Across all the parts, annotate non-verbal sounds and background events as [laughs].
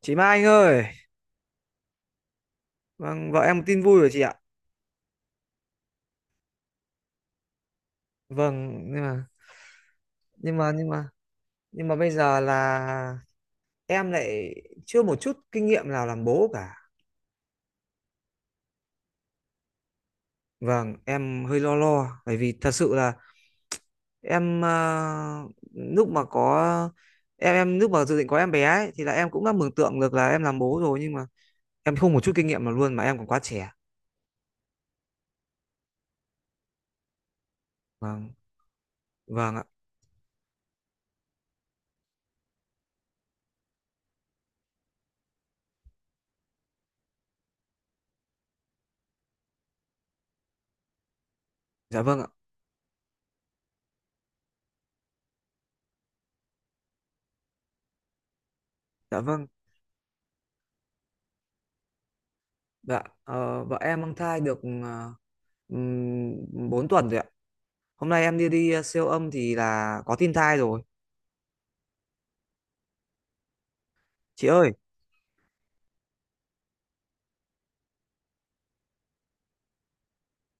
Chị Mai Anh ơi, vâng, vợ em có tin vui rồi chị ạ. Vâng, nhưng mà nhưng mà nhưng mà nhưng mà bây giờ là em lại chưa một chút kinh nghiệm nào làm bố cả. Vâng, em hơi lo lo bởi vì thật sự là em lúc mà có em lúc mà dự định có em bé ấy thì là em cũng đã mường tượng được là em làm bố rồi, nhưng mà em không một chút kinh nghiệm nào luôn mà em còn quá trẻ. Vâng, vâng ạ. Dạ vâng ạ. Dạ vâng. Dạ, vợ em mang thai được 4 tuần rồi ạ. Hôm nay em đi đi siêu âm thì là có tin thai rồi. Chị ơi,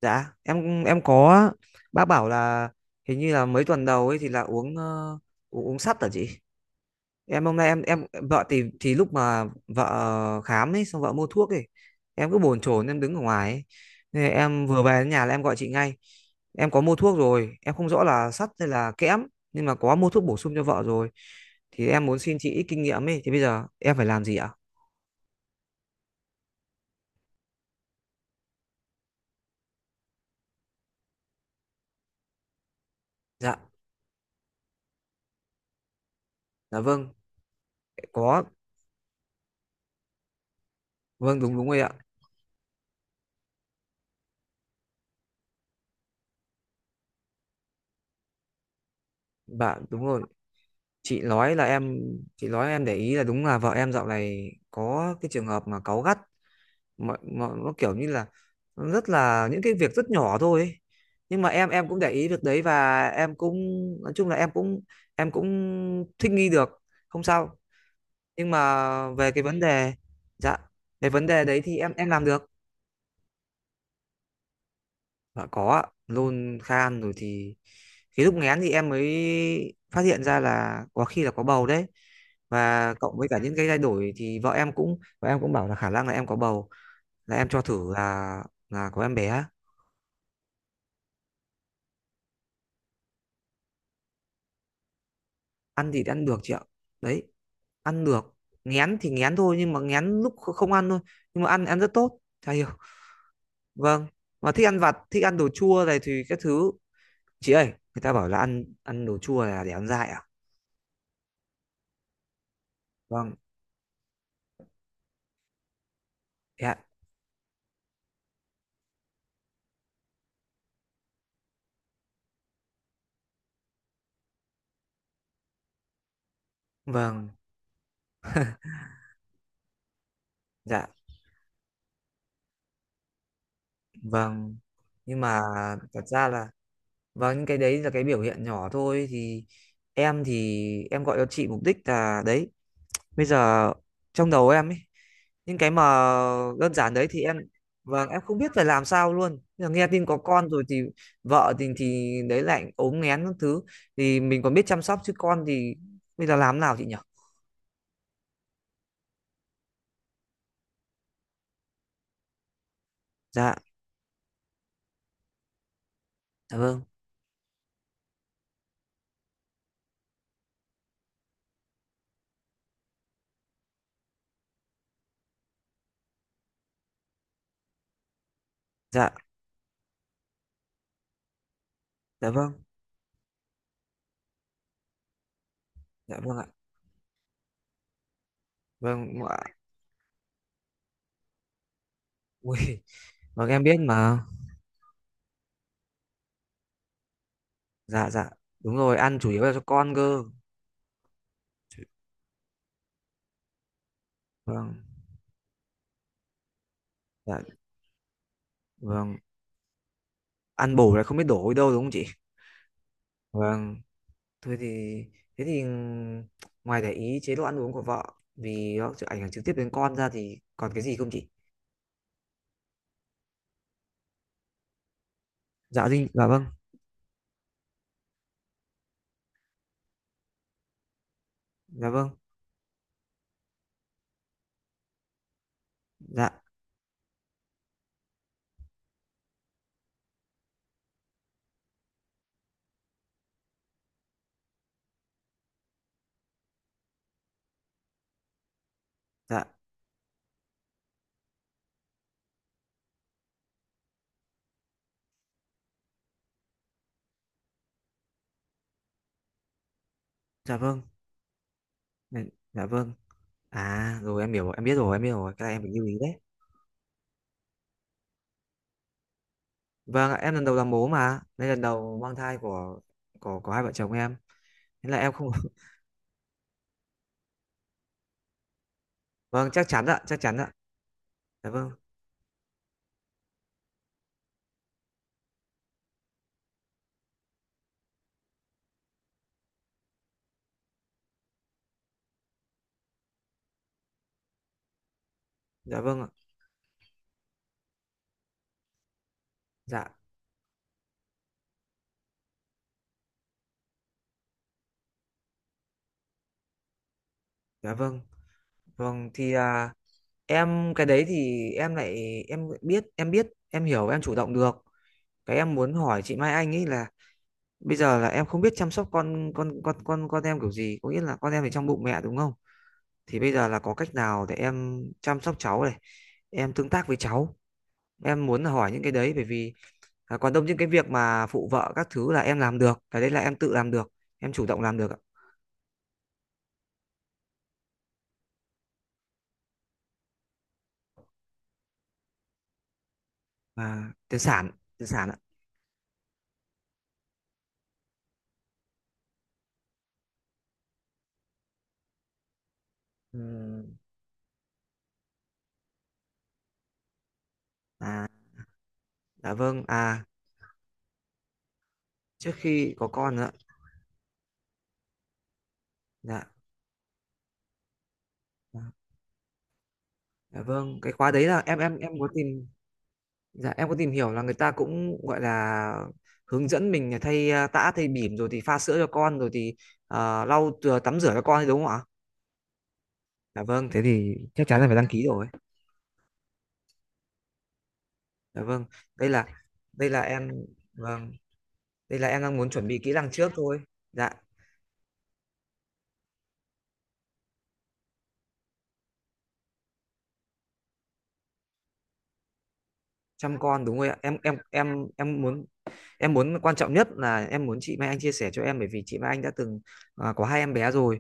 dạ, em có, bác bảo là hình như là mấy tuần đầu ấy thì là uống sắt hả chị? Em hôm nay em vợ thì lúc mà vợ khám ấy xong vợ mua thuốc ấy, em cứ bồn chồn em đứng ở ngoài ấy. Nên em vừa về đến nhà là em gọi chị ngay. Em có mua thuốc rồi, em không rõ là sắt hay là kẽm, nhưng mà có mua thuốc bổ sung cho vợ rồi. Thì em muốn xin chị ít kinh nghiệm ấy, thì bây giờ em phải làm gì ạ? Dạ, dạ vâng, có. Vâng, đúng đúng rồi ạ. Bạn đúng rồi. Chị nói là em, chị nói em để ý là đúng là vợ em dạo này có cái trường hợp mà cáu gắt, mà nó kiểu như là nó rất là, những cái việc rất nhỏ thôi ấy. Nhưng mà em cũng để ý việc đấy, và em cũng, nói chung là em cũng, em cũng thích nghi được, không sao. Nhưng mà về cái vấn đề, dạ, về vấn đề đấy thì em làm được. Dạ có ạ, nôn khan rồi, thì cái lúc nghén thì em mới phát hiện ra là có khi là có bầu đấy. Và cộng với cả những cái thay đổi thì vợ em cũng bảo là khả năng là em có bầu, là em cho thử, là có em bé. Ăn thì ăn được chị ạ. Đấy, ăn được. Nghén thì nghén thôi, nhưng mà nghén lúc không ăn thôi, nhưng mà ăn ăn rất tốt. Chả hiểu. Vâng. Mà thích ăn vặt, thích ăn đồ chua này thì các thứ. Chị ơi, người ta bảo là ăn ăn đồ chua là để ăn dại à? Vâng. Dạ. Vâng. Dạ. Vâng, nhưng mà thật ra là, vâng, những cái đấy là cái biểu hiện nhỏ thôi, thì em gọi cho chị mục đích là đấy. Bây giờ trong đầu em ấy, những cái mà đơn giản đấy thì em, vâng em không biết phải làm sao luôn. Bây giờ nghe tin có con rồi, thì vợ thì đấy lại ốm nghén các thứ, thì mình còn biết chăm sóc, chứ con thì bây giờ làm nào chị nhỉ? Dạ, dạ vâng, dạ, dạ vâng, dạ vâng ạ. Vâng, ạ. Ui, [laughs] vâng em biết mà. Dạ dạ. Đúng rồi, ăn chủ yếu là cho con cơ. Chứ- vâng. Dạ vâng, ăn bổ là không biết đổ đi đâu đúng không chị. Vâng, thôi thì, thế thì, ngoài để ý chế độ ăn uống của vợ vì nó sẽ ảnh hưởng trực tiếp đến con ra, thì còn cái gì không chị? Dạ vâng. Dạ vâng. Dạ. Dạ. Dạ vâng. Dạ. Dạ vâng. À rồi em hiểu rồi, em biết rồi, em biết rồi. Cái này em phải lưu ý đấy. Vâng ạ, em lần đầu làm bố mà, đây lần đầu mang thai của, của hai vợ chồng em, nên là em không. [laughs] Vâng chắc chắn ạ, chắc chắn ạ. Dạ vâng. Dạ vâng ạ. Dạ, dạ vâng, vâng thì à, em cái đấy thì em lại em biết, em biết, em hiểu, em chủ động được. Cái em muốn hỏi chị Mai Anh ấy là bây giờ là em không biết chăm sóc con em kiểu gì, có nghĩa là con em thì trong bụng mẹ đúng không? Thì bây giờ là có cách nào để em chăm sóc cháu này, em tương tác với cháu. Em muốn là hỏi những cái đấy, bởi vì à, còn đông những cái việc mà phụ vợ các thứ là em làm được, cái đấy là em tự làm được, em chủ động làm được ạ. Và tiền sản, tiền sản ạ. Ừm, à, dạ vâng, à trước khi có con ạ. Dạ. Dạ. Dạ vâng, cái khóa đấy là em có tìm. Dạ em có tìm hiểu là người ta cũng gọi là hướng dẫn mình là thay à, tã thay bỉm, rồi thì pha sữa cho con, rồi thì à, lau chùi- tắm rửa cho con ấy, đúng không ạ? Dạ vâng, thế thì chắc chắn là phải đăng ký rồi. Dạ vâng, đây là, đây là em, vâng đây là em đang muốn chuẩn bị kỹ năng trước thôi. Dạ. Chăm con đúng rồi ạ, em muốn, em muốn quan trọng nhất là em muốn chị Mai Anh chia sẻ cho em, bởi vì chị Mai Anh đã từng à, có hai em bé rồi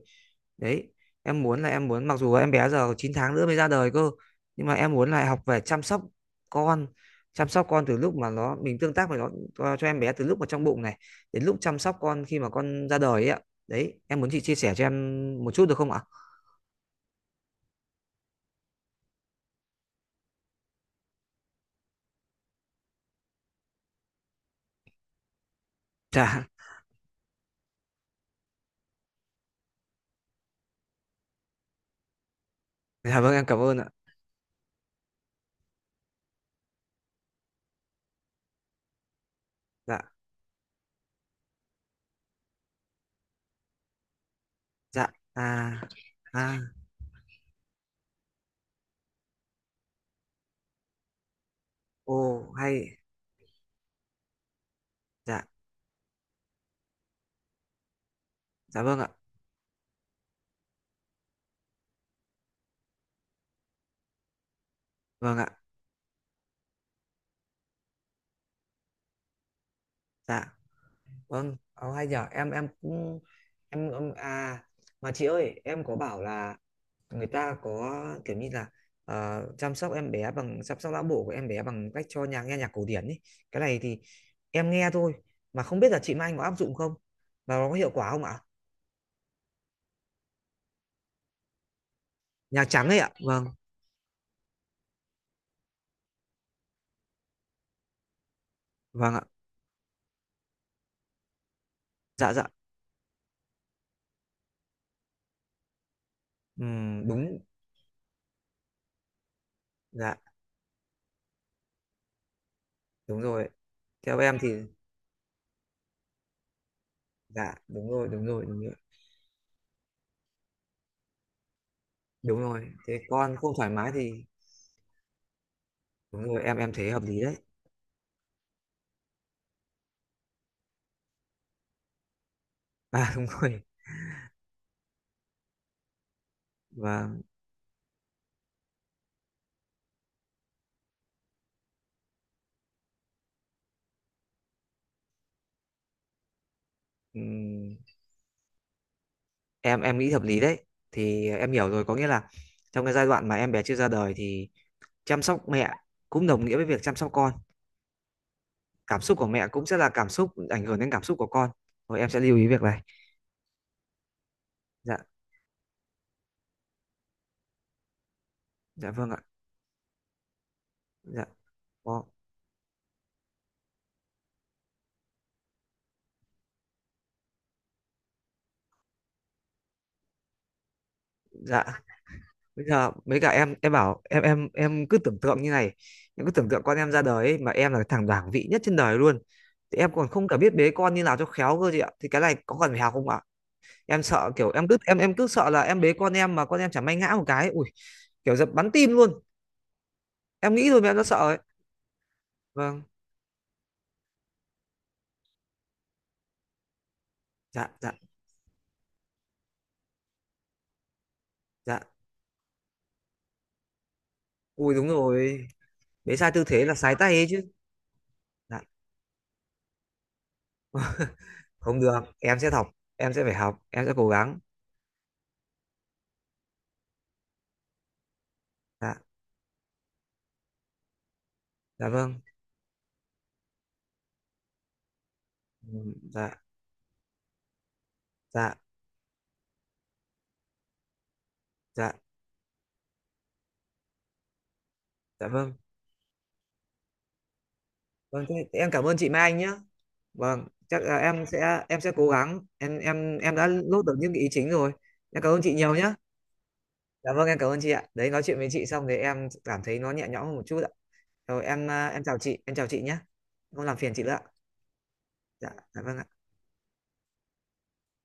đấy. Em muốn là em muốn, mặc dù em bé giờ 9 tháng nữa mới ra đời cơ, nhưng mà em muốn là học về chăm sóc con, chăm sóc con từ lúc mà nó, mình tương tác với nó, cho em bé từ lúc mà trong bụng này đến lúc chăm sóc con khi mà con ra đời ấy ạ. Đấy em muốn chị chia sẻ cho em một chút được không ạ? [laughs] Dạ. Dạ vâng em cảm ơn ạ. Dạ. Dạ. À. À. Ô, hay. Dạ. Dạ vâng ạ. Vâng ạ. Dạ vâng hay nhở, em cũng, em à, mà chị ơi em có bảo là người ta có kiểu như là chăm sóc em bé bằng, chăm sóc não bộ của em bé bằng cách cho nhà nghe nhạc cổ điển ấy. Cái này thì em nghe thôi, mà không biết là chị Mai có áp dụng không và nó có hiệu quả không ạ? Nhạc trắng ấy ạ, vâng. Vâng ạ. Dạ dạ. Đúng. Dạ. Đúng rồi, theo em thì. Dạ đúng rồi, đúng rồi, đúng rồi. Đúng rồi, thế con không thoải mái thì. Đúng rồi, em thấy hợp lý đấy. À đúng rồi. Và. Ừm, em nghĩ hợp lý đấy, thì em hiểu rồi, có nghĩa là trong cái giai đoạn mà em bé chưa ra đời thì chăm sóc mẹ cũng đồng nghĩa với việc chăm sóc con. Cảm xúc của mẹ cũng sẽ là cảm xúc ảnh hưởng đến cảm xúc của con. Rồi em sẽ lưu ý việc này. Dạ. Dạ vâng ạ. Dạ có. Dạ. Bây giờ mấy cả em bảo em cứ tưởng tượng như này. Em cứ tưởng tượng con em ra đời ấy, mà em là thằng bảng vị nhất trên đời luôn, thì em còn không cả biết bế con như nào cho khéo cơ chị ạ. Thì cái này có cần phải học không ạ? Em sợ kiểu, em cứ sợ là em bế con em mà con em chả may ngã một cái, ui, kiểu giật bắn tim luôn. Em nghĩ thôi mà em đã sợ ấy. Vâng. Dạ. Dạ. Dạ. Ui đúng rồi, bế sai tư thế là sái tay ấy chứ. Dạ, không được em sẽ học, em sẽ phải học, em sẽ cố gắng. Dạ. Dạ vâng. Ừ, dạ. Dạ. Dạ. Dạ vâng. Vâng thế, thế em cảm ơn chị Mai Anh nhé. Vâng chắc là em sẽ, em sẽ cố gắng, em đã nốt được những cái ý chính rồi. Em cảm ơn chị nhiều nhé. Dạ vâng em cảm ơn chị ạ, đấy nói chuyện với chị xong thì em cảm thấy nó nhẹ nhõm hơn một chút ạ. Rồi em à, em chào chị nhé. Không làm phiền chị nữa ạ. Dạ, dạ vâng ạ.